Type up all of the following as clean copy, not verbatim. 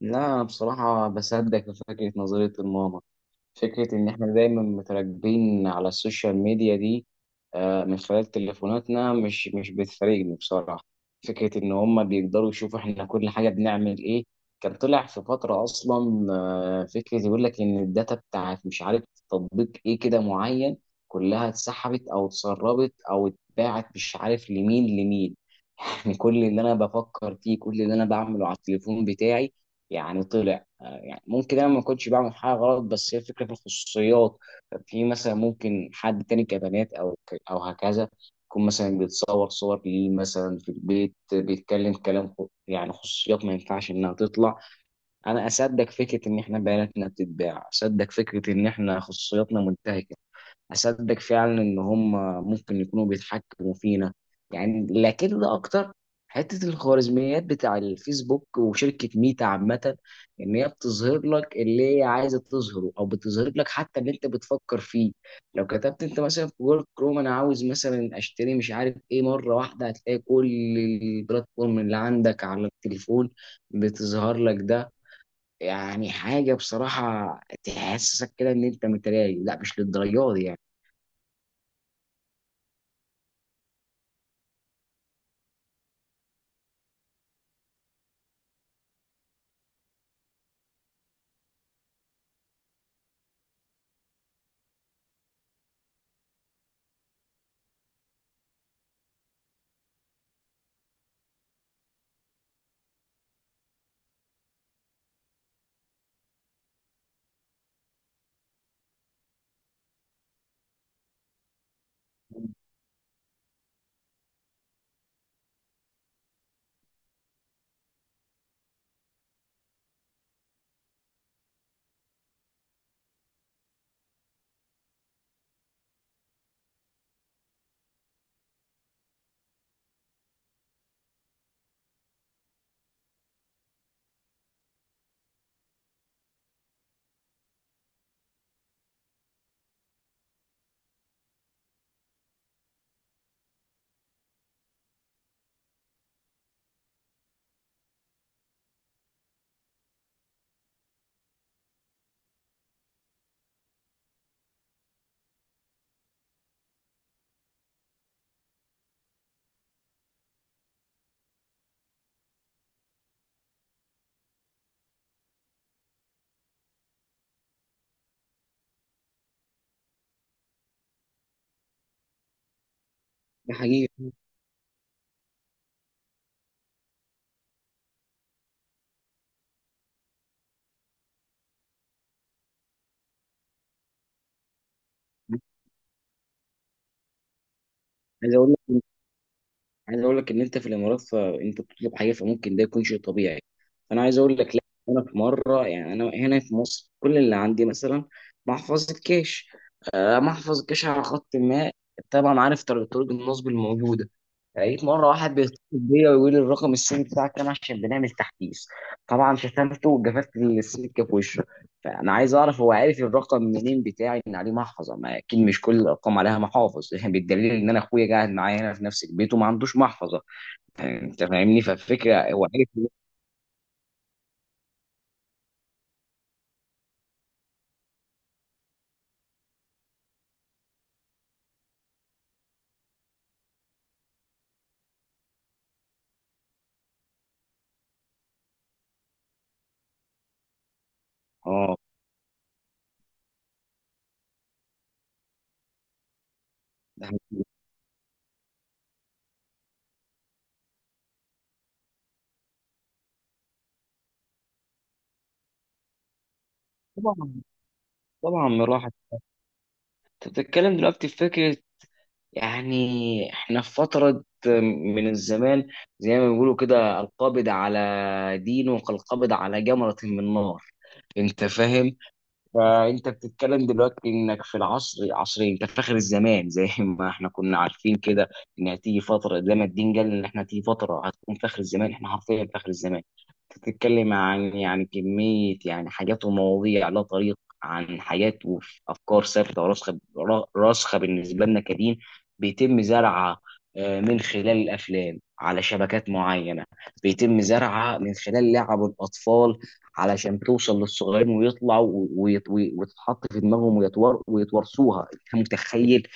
لا، أنا بصراحة بصدق في فكرة نظرية الماما. فكرة إن إحنا دايما متراكبين على السوشيال ميديا دي من خلال تليفوناتنا، مش بتفارقني بصراحة. فكرة إن هما بيقدروا يشوفوا إحنا كل حاجة بنعمل إيه. كان طلع في فترة أصلا فكرة يقول لك إن الداتا بتاعت مش عارف تطبيق إيه كده معين، كلها اتسحبت أو اتسربت أو اتباعت مش عارف لمين لمين. كل اللي انا بفكر فيه، كل اللي انا بعمله على التليفون بتاعي يعني طلع. يعني ممكن انا ما كنتش بعمل حاجه غلط، بس هي الفكره في الخصوصيات. في مثلا ممكن حد تاني كبنات او او هكذا يكون مثلا بيتصور صور ليه، مثلا في البيت بيتكلم كلام يعني خصوصيات ما ينفعش انها تطلع. انا اصدق فكره ان احنا بياناتنا بتتباع، اصدق فكره ان احنا خصوصياتنا منتهكه، اصدق فعلا ان هم ممكن يكونوا بيتحكموا فينا يعني. لكن ده اكتر حته الخوارزميات بتاع الفيسبوك وشركه ميتا عامه، ان هي بتظهر لك اللي هي عايزه تظهره، او بتظهر لك حتى اللي انت بتفكر فيه. لو كتبت انت مثلا في جوجل كروم انا عاوز مثلا اشتري مش عارف ايه، مره واحده هتلاقي كل البلاتفورم اللي عندك على التليفون بتظهر لك ده. يعني حاجه بصراحه تحسسك كده ان انت متراجع. لا، مش للدرجه دي يعني. ده حقيقي. عايز اقول لك، عايز اقول لك ان انت في الامارات فانت بتطلب حاجه فممكن ده يكون شيء طبيعي. فانا عايز اقول لك لا. انا في مره، يعني انا هنا في مصر، كل اللي عندي مثلا محفظه كاش، محفظه كاش على خط ما. طبعا عارف طرق النصب الموجوده. لقيت مره واحد بيتصل بيا ويقول لي الرقم السيم بتاعك كام عشان بنعمل تحديث. طبعا شتمته وجففت السكه في وشه. فانا عايز اعرف هو عارف الرقم منين بتاعي، ان عليه محفظه؟ ما اكيد مش كل الارقام عليها محافظ بالدليل ان انا اخويا قاعد معايا هنا في نفس البيت وما عندوش محفظه. انت فاهمني؟ فالفكره هو عارف إن-. اه. طبعا. طبعا راحت. انت بتتكلم دلوقتي في فكره، يعني احنا في فتره من الزمان زي ما بيقولوا كده، القابض على دينه كالقابض على جمره من نار. انت فاهم؟ فانت بتتكلم دلوقتي انك في العصر عصرين، انت فاخر الزمان. زي ما احنا كنا عارفين كده ان هتيجي فتره، زي ما الدين قال ان احنا هتيجي فتره هتكون فاخر الزمان، احنا حرفيا فاخر الزمان. بتتكلم عن يعني كميه، يعني حاجات ومواضيع لا طريق، عن حاجات وافكار ثابته وراسخه راسخه بالنسبه لنا كدين. بيتم زرعها من خلال الافلام على شبكات معينه، بيتم زرعها من خلال لعب الاطفال علشان توصل للصغيرين ويطلعوا وتتحط في دماغهم ويتورثوها. انت متخيل؟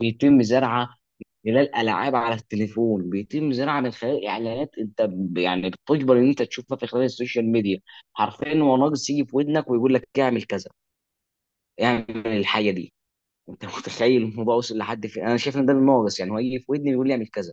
بيتم زرعها خلال العاب على التليفون، بيتم زرعها من خلال اعلانات انت يعني بتجبر ان انت تشوفها في خلال السوشيال ميديا. حرفيا هو ناقص يجي في ودنك ويقول لك اعمل كذا، اعمل الحاجه دي. انت متخيل الموضوع وصل لحد فين؟ انا شايف ان ده الناقص يعني، هو يجي في ودني ويقول لي اعمل كذا.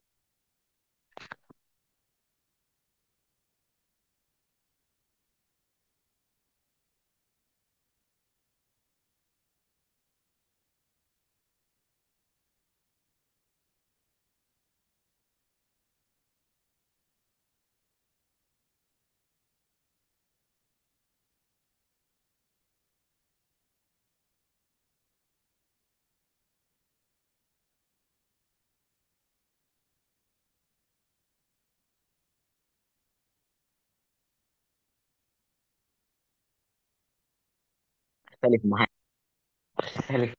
اختلف معاك. اختلف.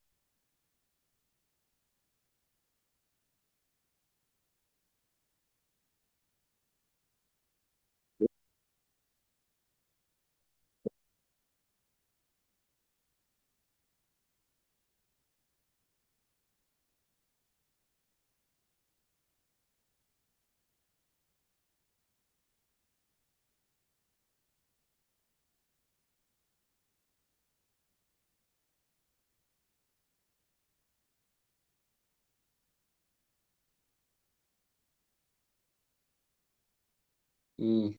مم.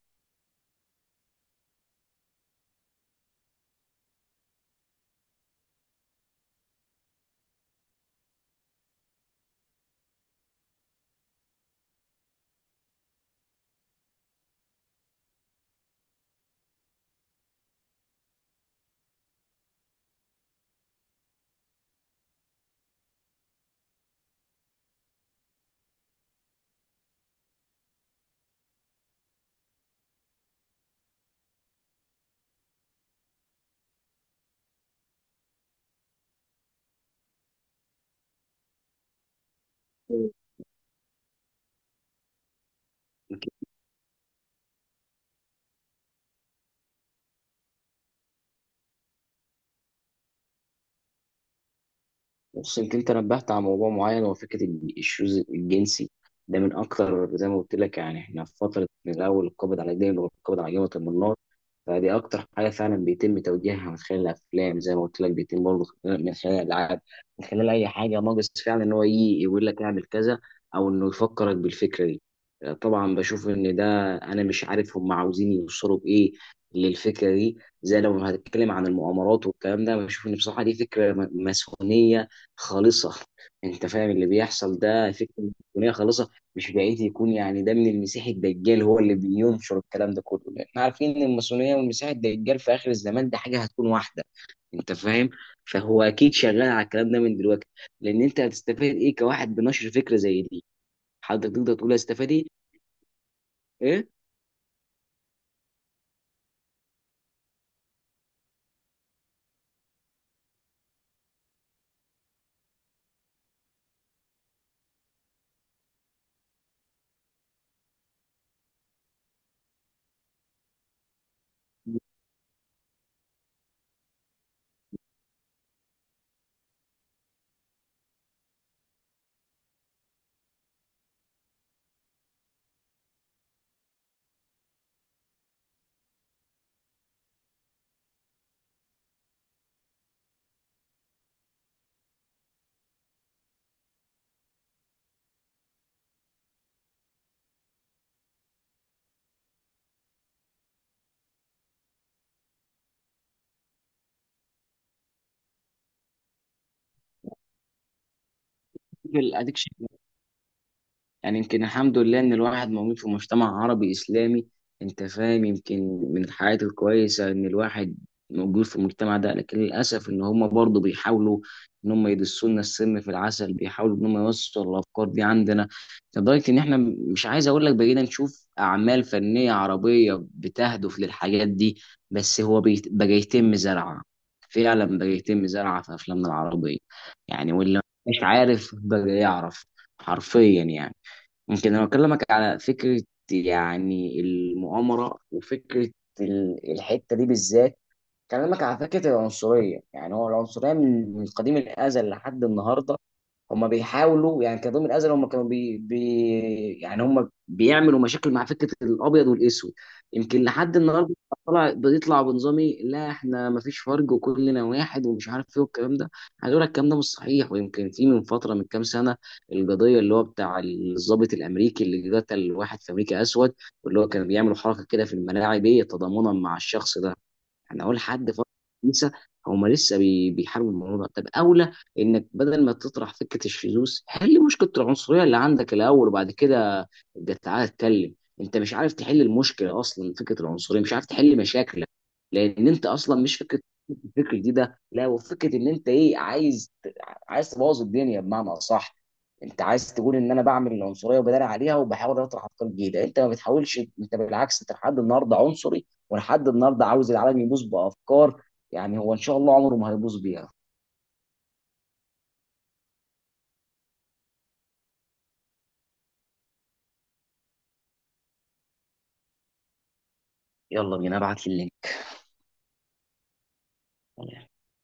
بص، انت نبهت على موضوع معين، هو فكره الشوز الجنسي. ده من اكتر، زي ما قلت لك يعني احنا في فتره من اول القبض على الدين والقبض على جبهه المنار. فدي اكتر حاجه فعلا بيتم توجيهها من خلال الافلام، زي ما قلت لك بيتم برضه من خلال الالعاب، من خلال اي حاجه. ناقص فعلا ان هو يجي يقول لك اعمل كذا، او انه يفكرك بالفكره دي. طبعا بشوف ان ده، انا مش عارف هم عاوزين يوصلوا بايه للفكره دي. زي لو هنتكلم عن المؤامرات والكلام ده، بشوف ان بصراحه دي فكره ماسونيه خالصة. انت فاهم اللي بيحصل ده؟ فكرة مسيحية خالصة. مش بعيد يكون يعني ده من المسيح الدجال هو اللي بينشر الكلام ده كله، لان احنا عارفين ان الماسونية والمسيح الدجال في اخر الزمان ده حاجة هتكون واحدة. انت فاهم؟ فهو اكيد شغال على الكلام ده من دلوقتي. لان انت هتستفاد ايه كواحد بنشر فكرة زي دي؟ حضرتك تقدر تقول هستفاد ايه؟ ايه. اديك. يعني يمكن الحمد لله ان الواحد موجود في مجتمع عربي اسلامي. انت فاهم؟ يمكن من الحياة الكويسة ان الواحد موجود في المجتمع ده، لكن للاسف ان هم برضه بيحاولوا ان هم يدسوا لنا السم في العسل، بيحاولوا ان هم يوصلوا الافكار دي عندنا لدرجة ان احنا، مش عايز اقول لك، بقينا نشوف اعمال فنية عربية بتهدف للحاجات دي. بس هو بقى يتم زرعها، فعلا بقى يتم زرعها في افلامنا العربية. يعني واللي مش عارف بقى يعرف حرفيا يعني. يمكن انا بكلمك على فكره، يعني المؤامره وفكره الحته دي بالذات، بكلمك على فكره العنصريه. يعني هو العنصريه من قديم الازل لحد النهارده، هم بيحاولوا يعني كظهير من الازل، هم كانوا بي يعني هم بيعملوا مشاكل مع فكره الابيض والاسود. يمكن لحد النهارده طلع بيطلع بنظامي، لا احنا ما فيش فرق وكلنا واحد ومش عارف ايه والكلام ده. عايز اقول لك الكلام ده مش صحيح. ويمكن في من فتره، من كام سنه، القضيه اللي هو بتاع الضابط الامريكي اللي قتل واحد في امريكا اسود، واللي هو كان بيعملوا حركه كده في الملاعب ايه تضامنا مع الشخص ده. انا اقول حد فرض؟ لسه، هما لسه بيحاربوا الموضوع ده. طب اولى انك بدل ما تطرح فكره الشذوذ، حل مشكله العنصريه اللي عندك الاول وبعد كده ابدا تعالى اتكلم. انت مش عارف تحل المشكله اصلا، فكره العنصريه مش عارف تحل مشاكلك، لان انت اصلا مش فكره الفكره دي ده. لا، وفكره ان انت ايه، عايز عايز تبوظ الدنيا بمعنى اصح. انت عايز تقول ان انا بعمل العنصريه وبدار عليها وبحاول اطرح افكار جديده؟ انت ما بتحاولش، انت بالعكس انت لحد النهارده عنصري ولحد النهارده عاوز العالم يبوظ بافكار. يعني هو ان شاء الله عمره ما هيبوظ بيها. يلا بينا، ابعت لي اللينك.